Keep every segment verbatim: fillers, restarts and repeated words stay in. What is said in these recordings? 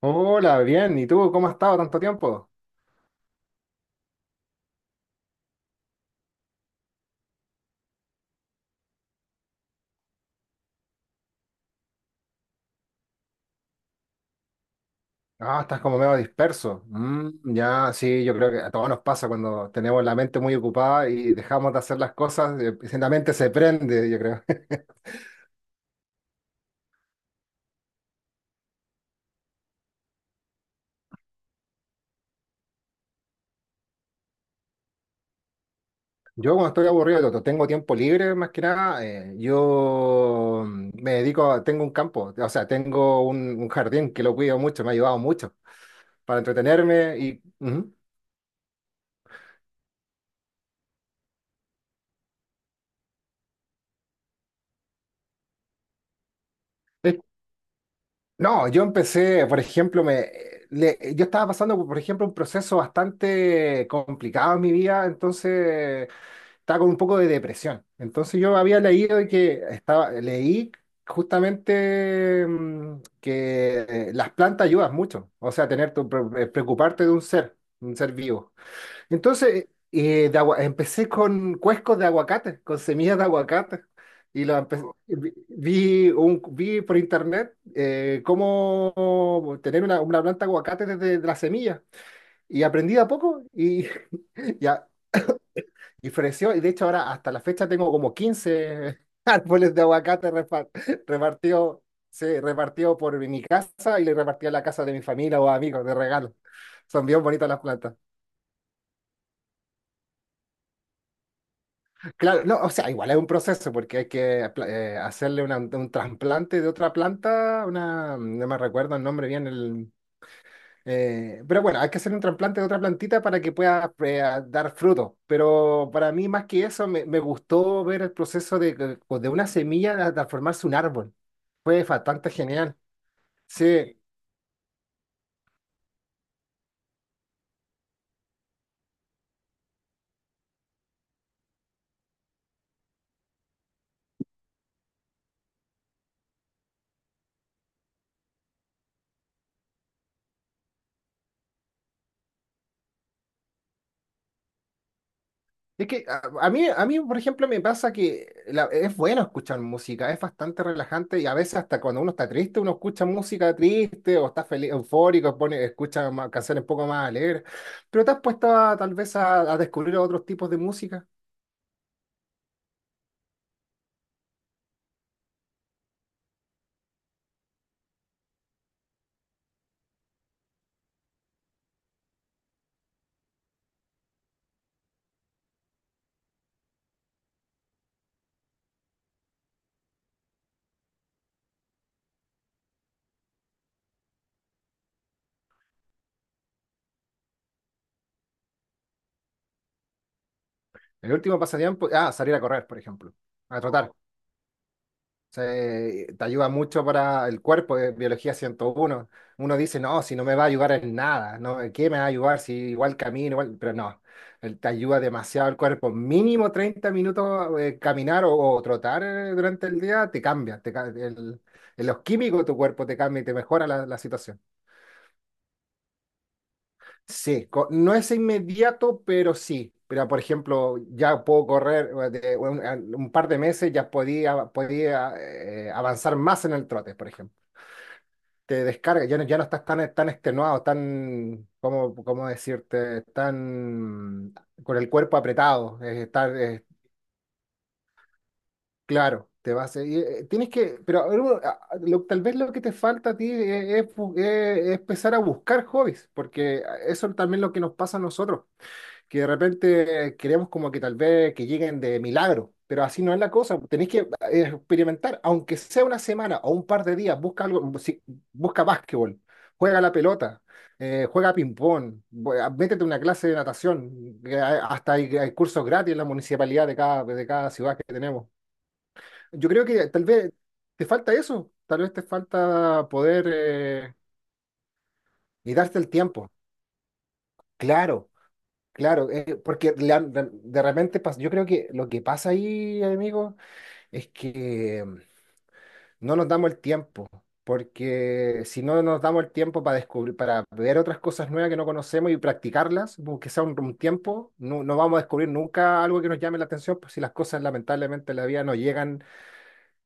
Hola, bien. ¿Y tú cómo has estado tanto tiempo? Ah, estás como medio disperso. Mm, ya, sí, yo creo que a todos nos pasa cuando tenemos la mente muy ocupada y dejamos de hacer las cosas, eh, la mente se prende, yo creo. Yo cuando estoy aburrido, cuando tengo tiempo libre, más que nada, eh, yo mm, me dedico, a- tengo un campo, o sea, tengo un, un jardín que lo cuido mucho, me ha ayudado mucho para entretenerme y ujú. No, yo empecé, por ejemplo, me, le- yo estaba pasando, por por ejemplo, un proceso bastante complicado en mi vida, entonces estaba con un poco de depresión. Entonces yo había leído de que estaba, leí justamente mm, que eh, las plantas ayudan mucho, o sea, tener tu, pre- eh, preocuparte de un ser, un ser vivo. Entonces, eh, de agua- empecé con cuescos de aguacate, con semillas de aguacate. Y lo empe- vi, vi un, vi por internet eh, cómo tener una, una planta de aguacate desde la semilla. Y aprendí de a poco y ya. Y floreció. Y de hecho ahora hasta la fecha tengo como quince árboles de aguacate repa- repartido, sí, repartido por mi casa y le repartí a la casa de mi familia o amigos de regalo. Son bien bonitas las plantas. Claro, no, o sea, igual es un proceso porque hay que apla- eh, hacerle una- un trasplante de otra planta, una, no me recuerdo el nombre bien, el, eh, pero bueno, hay que hacer un trasplante de otra plantita para que pueda eh, a- dar fruto. Pero para mí, más que eso, me, me gustó ver el proceso de, que- de una semilla a transformarse en un árbol. Fue bastante genial. Sí, es que a, a mí, a mí, por ejemplo, me pasa que la- es bueno escuchar música, es bastante relajante y a veces hasta cuando uno está triste, uno escucha música triste o está feliz, eufórico, pone, escucha ma- canciones un poco más alegres. Pero te has puesto a- tal vez a, a descubrir otros tipos de música. El último pasatiempo, ah, salir a correr, por ejemplo, a trotar. Se- te ayuda mucho para el cuerpo, eh, biología ciento uno, uno dice, no, si no me va a ayudar en nada, ¿no? ¿en ¿Qué me va a ayudar si igual camino, igual? Pero no, el- te ayuda demasiado el cuerpo. Mínimo treinta minutos eh, caminar o, o trotar eh, durante el día te cambia, te, ca- el- en los químicos de tu cuerpo te cambia y te mejora la, la situación. Sí, co- no es inmediato, pero sí. Pero, por ejemplo, ya puedo correr eh, de un, a- un par de meses, ya podía, podía eh, avanzar más en el trote, por ejemplo. Te descarga, ya no, ya no estás tan, tan extenuado, tan, ¿cómo, cómo decirte? Tan con el cuerpo apretado, es estar, eh, claro, te vas, a- y, eh, tienes que, pero a bueno, a- a- lo- tal vez lo que te falta a ti es, es bu- es- es empezar a buscar hobbies, porque eso también es lo que nos pasa a nosotros que de repente queremos como que tal vez que lleguen de milagro, pero así no es la cosa. Tenéis que eh, experimentar, aunque sea una semana o un par de días, busca algo, si- busca básquetbol, juega la pelota, eh, juega ping-pong, bu- a- métete a una clase de natación, que hay- hasta hay, hay cursos gratis en la municipalidad de cada, de cada ciudad que tenemos. Yo creo que tal vez te falta eso, tal vez te falta poder eh, y darte el tiempo. Claro. Claro, eh, porque le han- de, de repente pas- yo creo que lo que pasa ahí, amigo, es que mm, no nos damos el tiempo, porque si no nos damos el tiempo para descubrir, para ver otras cosas nuevas que no conocemos y practicarlas, aunque sea un, un tiempo, no, no vamos a descubrir nunca algo que nos llame la atención, pues si las cosas lamentablemente en la vida no llegan,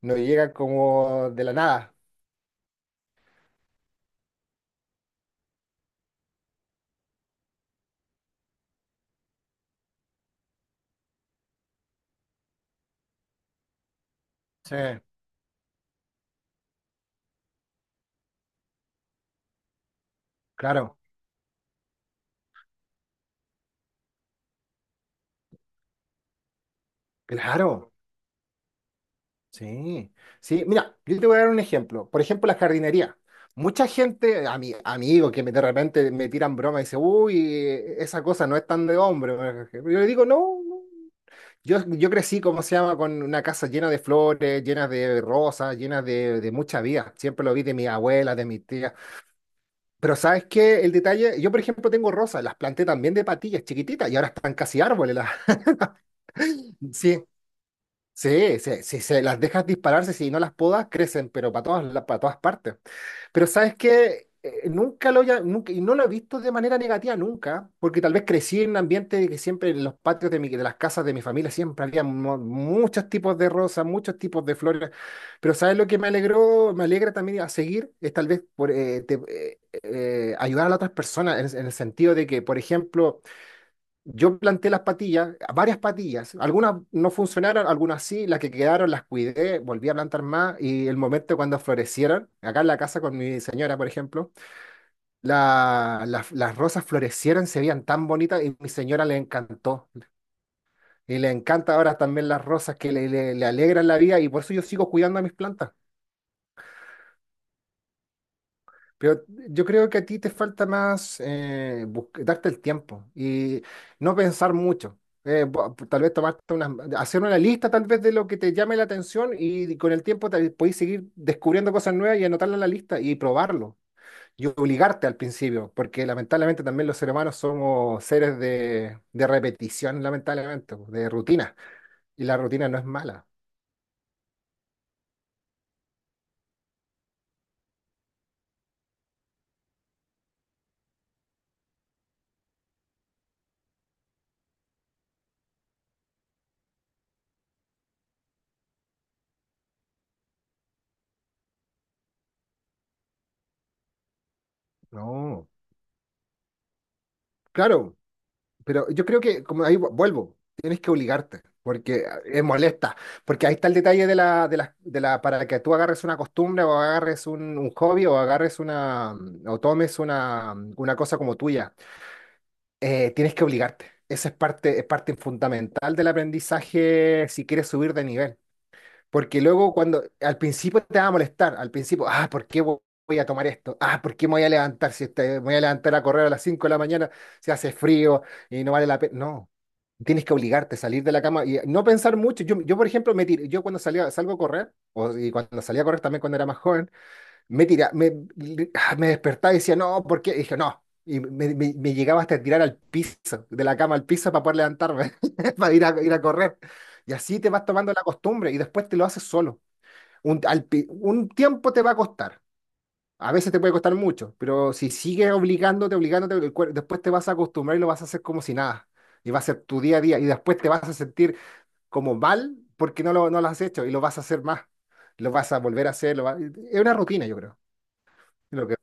no llegan como de la nada. Sí, claro, claro. Sí, sí, mira, yo te voy a dar un ejemplo. Por ejemplo, la jardinería. Mucha gente, a mi amigo que me, de repente me tiran broma y dice, uy, esa cosa no es tan de hombre. Yo le digo, no, no". Yo, yo crecí, ¿como se llama?, con una casa llena de flores, llena de rosas, llena de, de mucha vida. Siempre lo vi de mi abuela, de mi tía. Pero ¿sabes qué? El detalle, yo por ejemplo tengo rosas, las planté también de patillas chiquititas y ahora están casi árboles. las- Sí, sí, sí, si se las dejas dispararse, si no las podas, crecen, pero para todas, la- para todas partes. Pero sabes que nunca lo haya, nunca, y no lo he visto de manera negativa nunca, porque tal vez crecí en un ambiente de que siempre en los patios de, mi, de las casas de mi familia siempre había mo- muchos tipos de rosas, muchos tipos de flores. Pero sabes lo que me alegró, me alegra también a seguir, es tal vez por, eh, te- eh, eh, ayudar a las otras personas en en el sentido de que, por ejemplo, yo planté las patillas, varias patillas. Algunas no funcionaron, algunas sí. Las que quedaron las cuidé, volví a plantar más. Y el momento cuando florecieron, acá en la casa con mi señora, por ejemplo, la- las las rosas florecieron, se veían tan bonitas y mi señora le encantó. Y le encanta ahora también las rosas que le, le, le alegran la vida y por eso yo sigo cuidando a mis plantas. Pero yo creo que a ti te falta más eh, bus- darte el tiempo y no pensar mucho. Eh, bo- tal vez tomarte unas, hacer una lista tal vez de lo que te llame la atención y con el tiempo te, podéis seguir descubriendo cosas nuevas y anotarlas en la lista y probarlo y obligarte al principio, porque lamentablemente también los seres humanos somos seres de, de repetición, lamentablemente, de rutina y la rutina no es mala. No, claro. Pero yo creo que, como ahí vu- vuelvo, tienes que obligarte, porque ah, es molesta, porque ahí está el detalle de la, de la, de la, para que tú agarres una costumbre o agarres un, un hobby o agarres una, o tomes una, una cosa como tuya. Eh, tienes que obligarte. Esa es parte, es parte fundamental del aprendizaje si quieres subir de nivel. Porque luego cuando al principio te va a molestar, al principio, ah, ¿por qué vo- voy a tomar esto? Ah, ¿por qué me voy a levantar si este- me voy a levantar a correr a las cinco de la mañana, si hace frío y no vale la pena? No, tienes que obligarte a salir de la cama y no pensar mucho. Yo, yo por ejemplo, me tiré, yo cuando salía, salgo a correr, o, y cuando salía a correr también cuando era más joven, me tira, me, me despertaba y decía, no, porque dije, no. Y me, me- me llegaba hasta tirar al piso, de la cama al piso para poder levantarme, para ir a, ir a correr. Y así te vas tomando la costumbre y después te lo haces solo. Un, al pi- un tiempo te va a costar. A veces te puede costar mucho, pero si sigues obligándote, obligándote, el cuer- después te vas a acostumbrar y lo vas a hacer como si nada. Y va a ser tu día a día. Y después te vas a sentir como mal porque no lo, no lo has hecho y lo vas a hacer más. Lo vas a volver a hacer. lo va- Es una rutina, yo creo. Lo que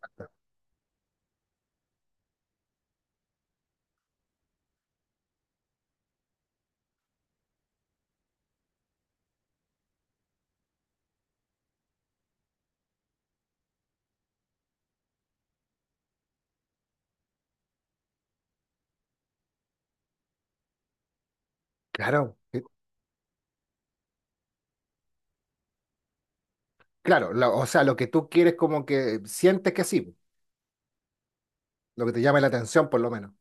Claro, eh, claro, la- o sea, lo que tú quieres como que sientes que sí, lo que te llama la atención por lo menos.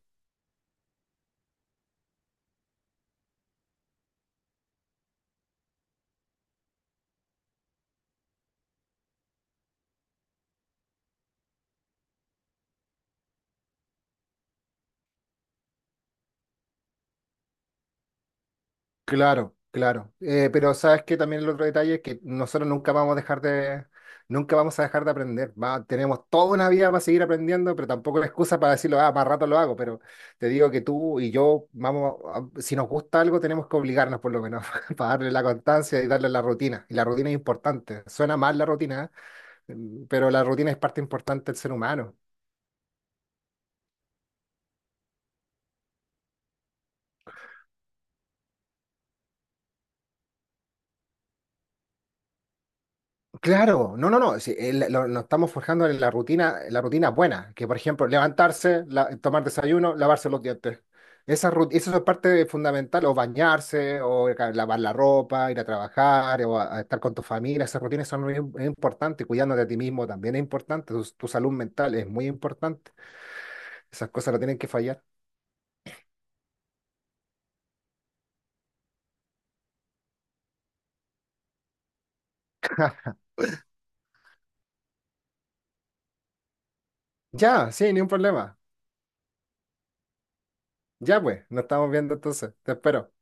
Claro, claro. Eh, pero sabes que también el otro detalle es que nosotros nunca vamos a dejar de, nunca vamos a dejar de aprender. Va- tenemos toda una vida para seguir aprendiendo, pero tampoco es excusa para decirlo, ah, más rato lo hago, pero te digo que tú y yo, vamos, a- si nos gusta algo tenemos que obligarnos por lo menos para darle la constancia y darle la rutina. Y la rutina es importante. Suena mal la rutina, ¿eh? Pero la rutina es parte importante del ser humano. Claro, no, no, no, sí, el- lo- nos estamos forjando en la rutina, la rutina buena, que por ejemplo, levantarse, la- tomar desayuno, lavarse los dientes. Esa, rut- esa es parte fundamental, o bañarse, o ca- lavar la ropa, ir a trabajar, o a, a estar con tu familia, esas rutinas son muy im- es importante, cuidándote a ti mismo también es importante, tu, tu salud mental es muy importante, esas cosas no tienen que fallar. Ya, sí, ni un problema. Ya pues, nos estamos viendo entonces, te espero.